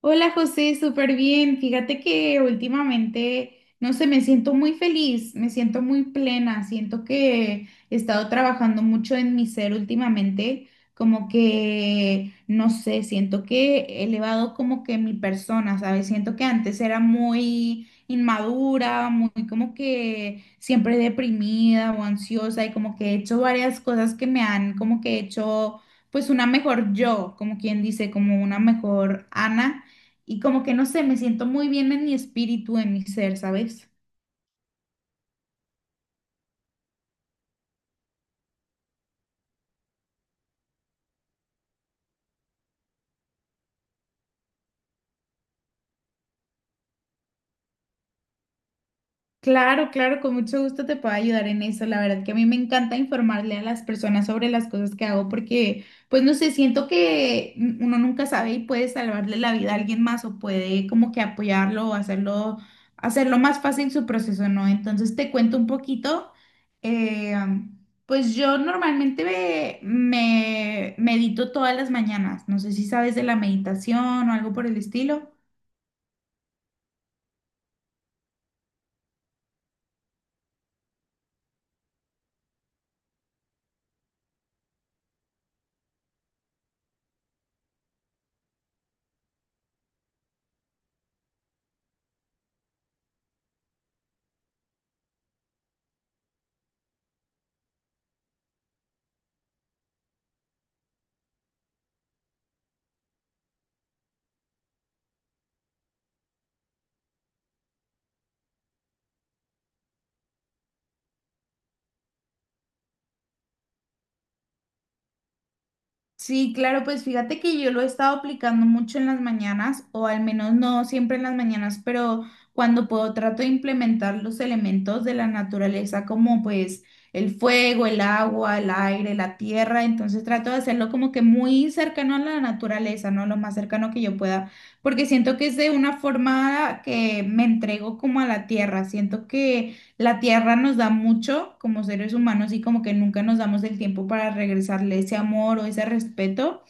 Hola José, súper bien. Fíjate que últimamente, no sé, me siento muy feliz, me siento muy plena, siento que he estado trabajando mucho en mi ser últimamente, como que, no sé, siento que he elevado como que mi persona, ¿sabes? Siento que antes era muy inmadura, muy como que siempre deprimida o ansiosa y como que he hecho varias cosas que me han como que hecho pues una mejor yo, como quien dice, como una mejor Ana y como que no sé, me siento muy bien en mi espíritu, en mi ser, ¿sabes? Claro, claro, con mucho gusto te puedo ayudar en eso. La verdad que a mí me encanta informarle a las personas sobre las cosas que hago porque, pues no sé, siento que uno nunca sabe y puede salvarle la vida a alguien más o puede como que apoyarlo o hacerlo más fácil su proceso, ¿no? Entonces te cuento un poquito. eh, pues yo normalmente me medito todas las mañanas. No sé si sabes de la meditación o algo por el estilo. Sí, claro, pues fíjate que yo lo he estado aplicando mucho en las mañanas, o al menos no siempre en las mañanas, pero cuando puedo trato de implementar los elementos de la naturaleza como pues el fuego, el agua, el aire, la tierra, entonces trato de hacerlo como que muy cercano a la naturaleza, ¿no? Lo más cercano que yo pueda, porque siento que es de una forma que me entrego como a la tierra, siento que la tierra nos da mucho como seres humanos y como que nunca nos damos el tiempo para regresarle ese amor o ese respeto.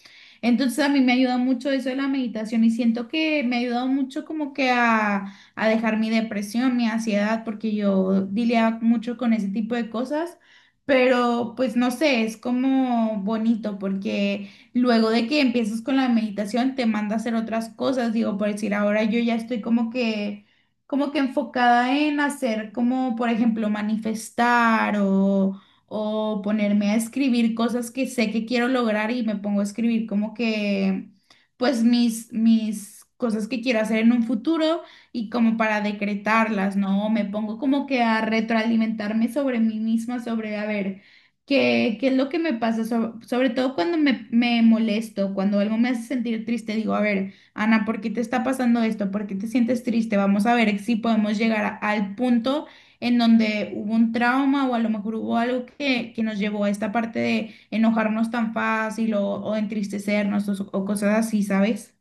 Entonces a mí me ayuda mucho eso de la meditación y siento que me ha ayudado mucho como que a dejar mi depresión, mi ansiedad, porque yo lidiaba mucho con ese tipo de cosas, pero pues no sé, es como bonito porque luego de que empiezas con la meditación te manda a hacer otras cosas, digo, por decir, ahora yo ya estoy como que enfocada en hacer como, por ejemplo, manifestar o ponerme a escribir cosas que sé que quiero lograr y me pongo a escribir como que, pues mis cosas que quiero hacer en un futuro y como para decretarlas, ¿no? Me pongo como que a retroalimentarme sobre mí misma, sobre, a ver. ¿Qué es lo que me pasa? Sobre todo cuando me molesto, cuando algo me hace sentir triste, digo, a ver, Ana, ¿por qué te está pasando esto? ¿Por qué te sientes triste? Vamos a ver si podemos llegar al punto en donde hubo un trauma o a lo mejor hubo algo que nos llevó a esta parte de enojarnos tan fácil o entristecernos o cosas así, ¿sabes?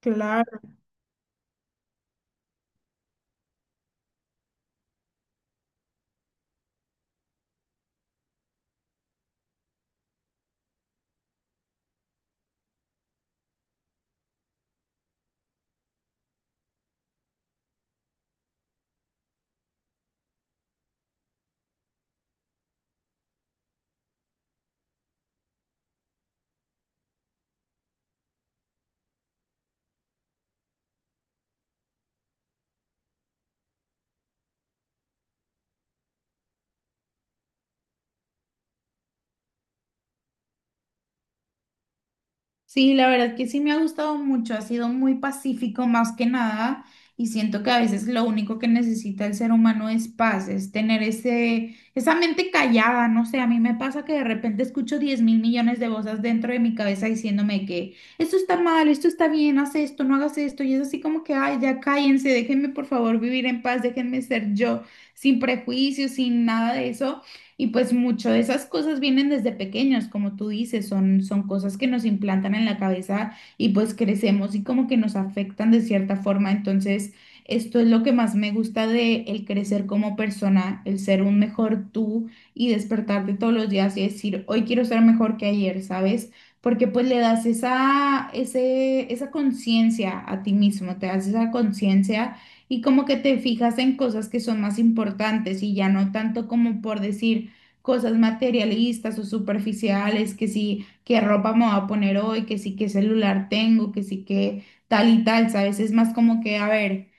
Claro. Sí, la verdad que sí me ha gustado mucho, ha sido muy pacífico más que nada y siento que a veces lo único que necesita el ser humano es paz, es tener esa mente callada, no sé, a mí me pasa que de repente escucho 10 mil millones de voces dentro de mi cabeza diciéndome que esto está mal, esto está bien, haz esto, no hagas esto y es así como que, ay, ya cállense, déjenme por favor vivir en paz, déjenme ser yo, sin prejuicios, sin nada de eso. Y pues mucho de esas cosas vienen desde pequeños, como tú dices, son cosas que nos implantan en la cabeza y pues crecemos y como que nos afectan de cierta forma. Entonces, esto es lo que más me gusta de el crecer como persona, el ser un mejor tú y despertarte todos los días y decir, hoy quiero ser mejor que ayer, ¿sabes? Porque pues le das esa conciencia a ti mismo, te das esa conciencia y como que te fijas en cosas que son más importantes y ya no tanto como por decir cosas materialistas o superficiales, que sí, qué ropa me voy a poner hoy, que sí, qué celular tengo, que sí, qué tal y tal, ¿sabes? Es más como que, a ver,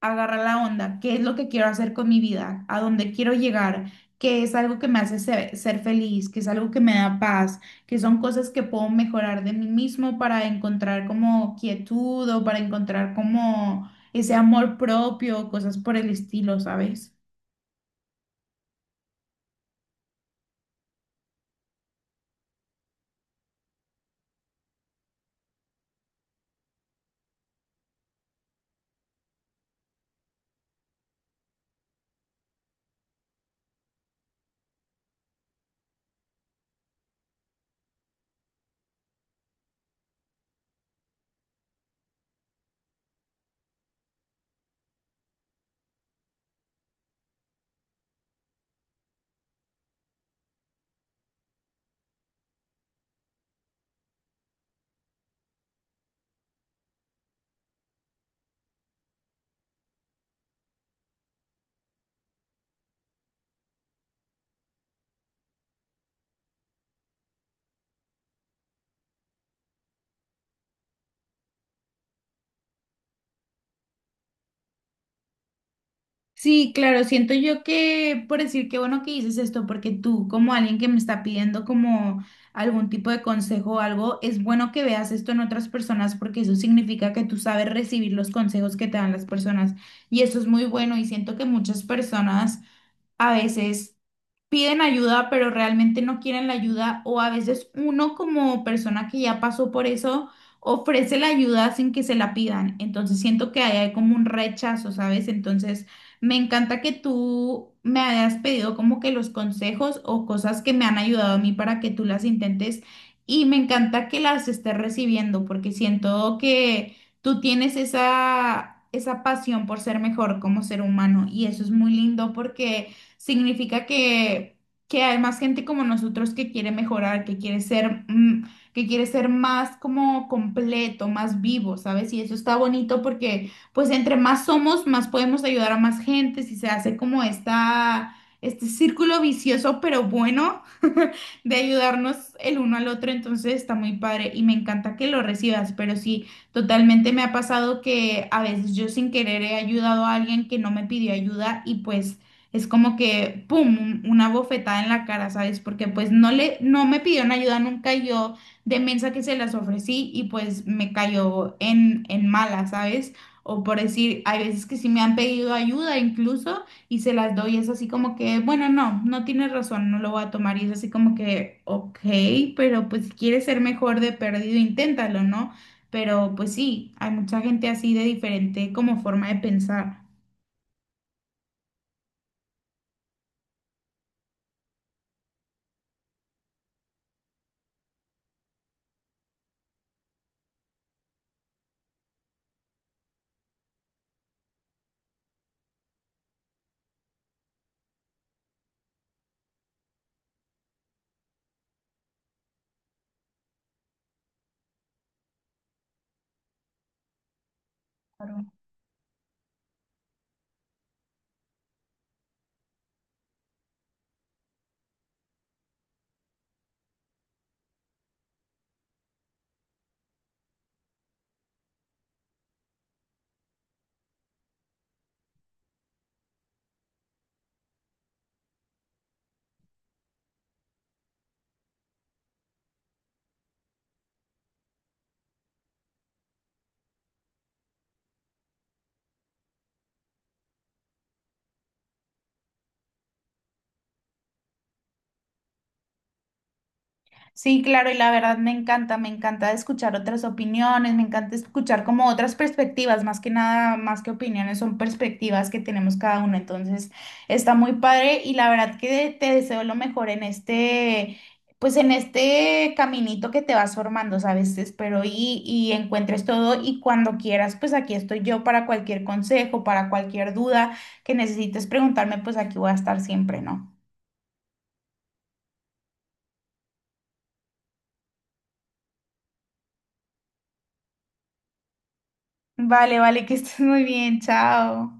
agarra la onda, ¿qué es lo que quiero hacer con mi vida? ¿A dónde quiero llegar? ¿Qué es algo que me hace ser feliz? ¿Qué es algo que me da paz? Que son cosas que puedo mejorar de mí mismo para encontrar como quietud o para encontrar como ese amor propio, cosas por el estilo, ¿sabes? Sí, claro, siento yo que, por decir, qué bueno que dices esto, porque tú, como alguien que me está pidiendo como algún tipo de consejo o algo, es bueno que veas esto en otras personas porque eso significa que tú sabes recibir los consejos que te dan las personas y eso es muy bueno y siento que muchas personas a veces piden ayuda, pero realmente no quieren la ayuda, o a veces uno como persona que ya pasó por eso ofrece la ayuda sin que se la pidan. Entonces siento que ahí hay como un rechazo, ¿sabes? Entonces me encanta que tú me hayas pedido como que los consejos o cosas que me han ayudado a mí para que tú las intentes y me encanta que las estés recibiendo porque siento que tú tienes esa... esa pasión por ser mejor como ser humano y eso es muy lindo porque significa que hay más gente como nosotros que quiere mejorar, que quiere ser, que quiere ser más como completo, más vivo, ¿sabes? Y eso está bonito porque pues entre más somos, más podemos ayudar a más gente, si se hace como esta, este círculo vicioso, pero bueno, de ayudarnos el uno al otro, entonces está muy padre y me encanta que lo recibas, pero sí, totalmente me ha pasado que a veces yo sin querer he ayudado a alguien que no me pidió ayuda y pues es como que, ¡pum!, una bofetada en la cara, ¿sabes? Porque pues no le, no me pidieron ayuda nunca, yo de mensa que se las ofrecí y pues me cayó en mala, ¿sabes? O por decir, hay veces que sí me han pedido ayuda incluso y se las doy, es así como que, bueno, no, no tienes razón, no lo voy a tomar y es así como que, ok, pero pues si quieres ser mejor de perdido, inténtalo, ¿no? Pero pues sí, hay mucha gente así de diferente como forma de pensar. Sí, claro, y la verdad me encanta escuchar otras opiniones, me encanta escuchar como otras perspectivas, más que nada, más que opiniones, son perspectivas que tenemos cada uno, entonces está muy padre y la verdad que te deseo lo mejor en este, pues en este caminito que te vas formando, ¿sabes? Espero y encuentres todo y cuando quieras, pues aquí estoy yo para cualquier consejo, para cualquier duda que necesites preguntarme, pues aquí voy a estar siempre, ¿no? Vale, vale, que estés muy bien, chao.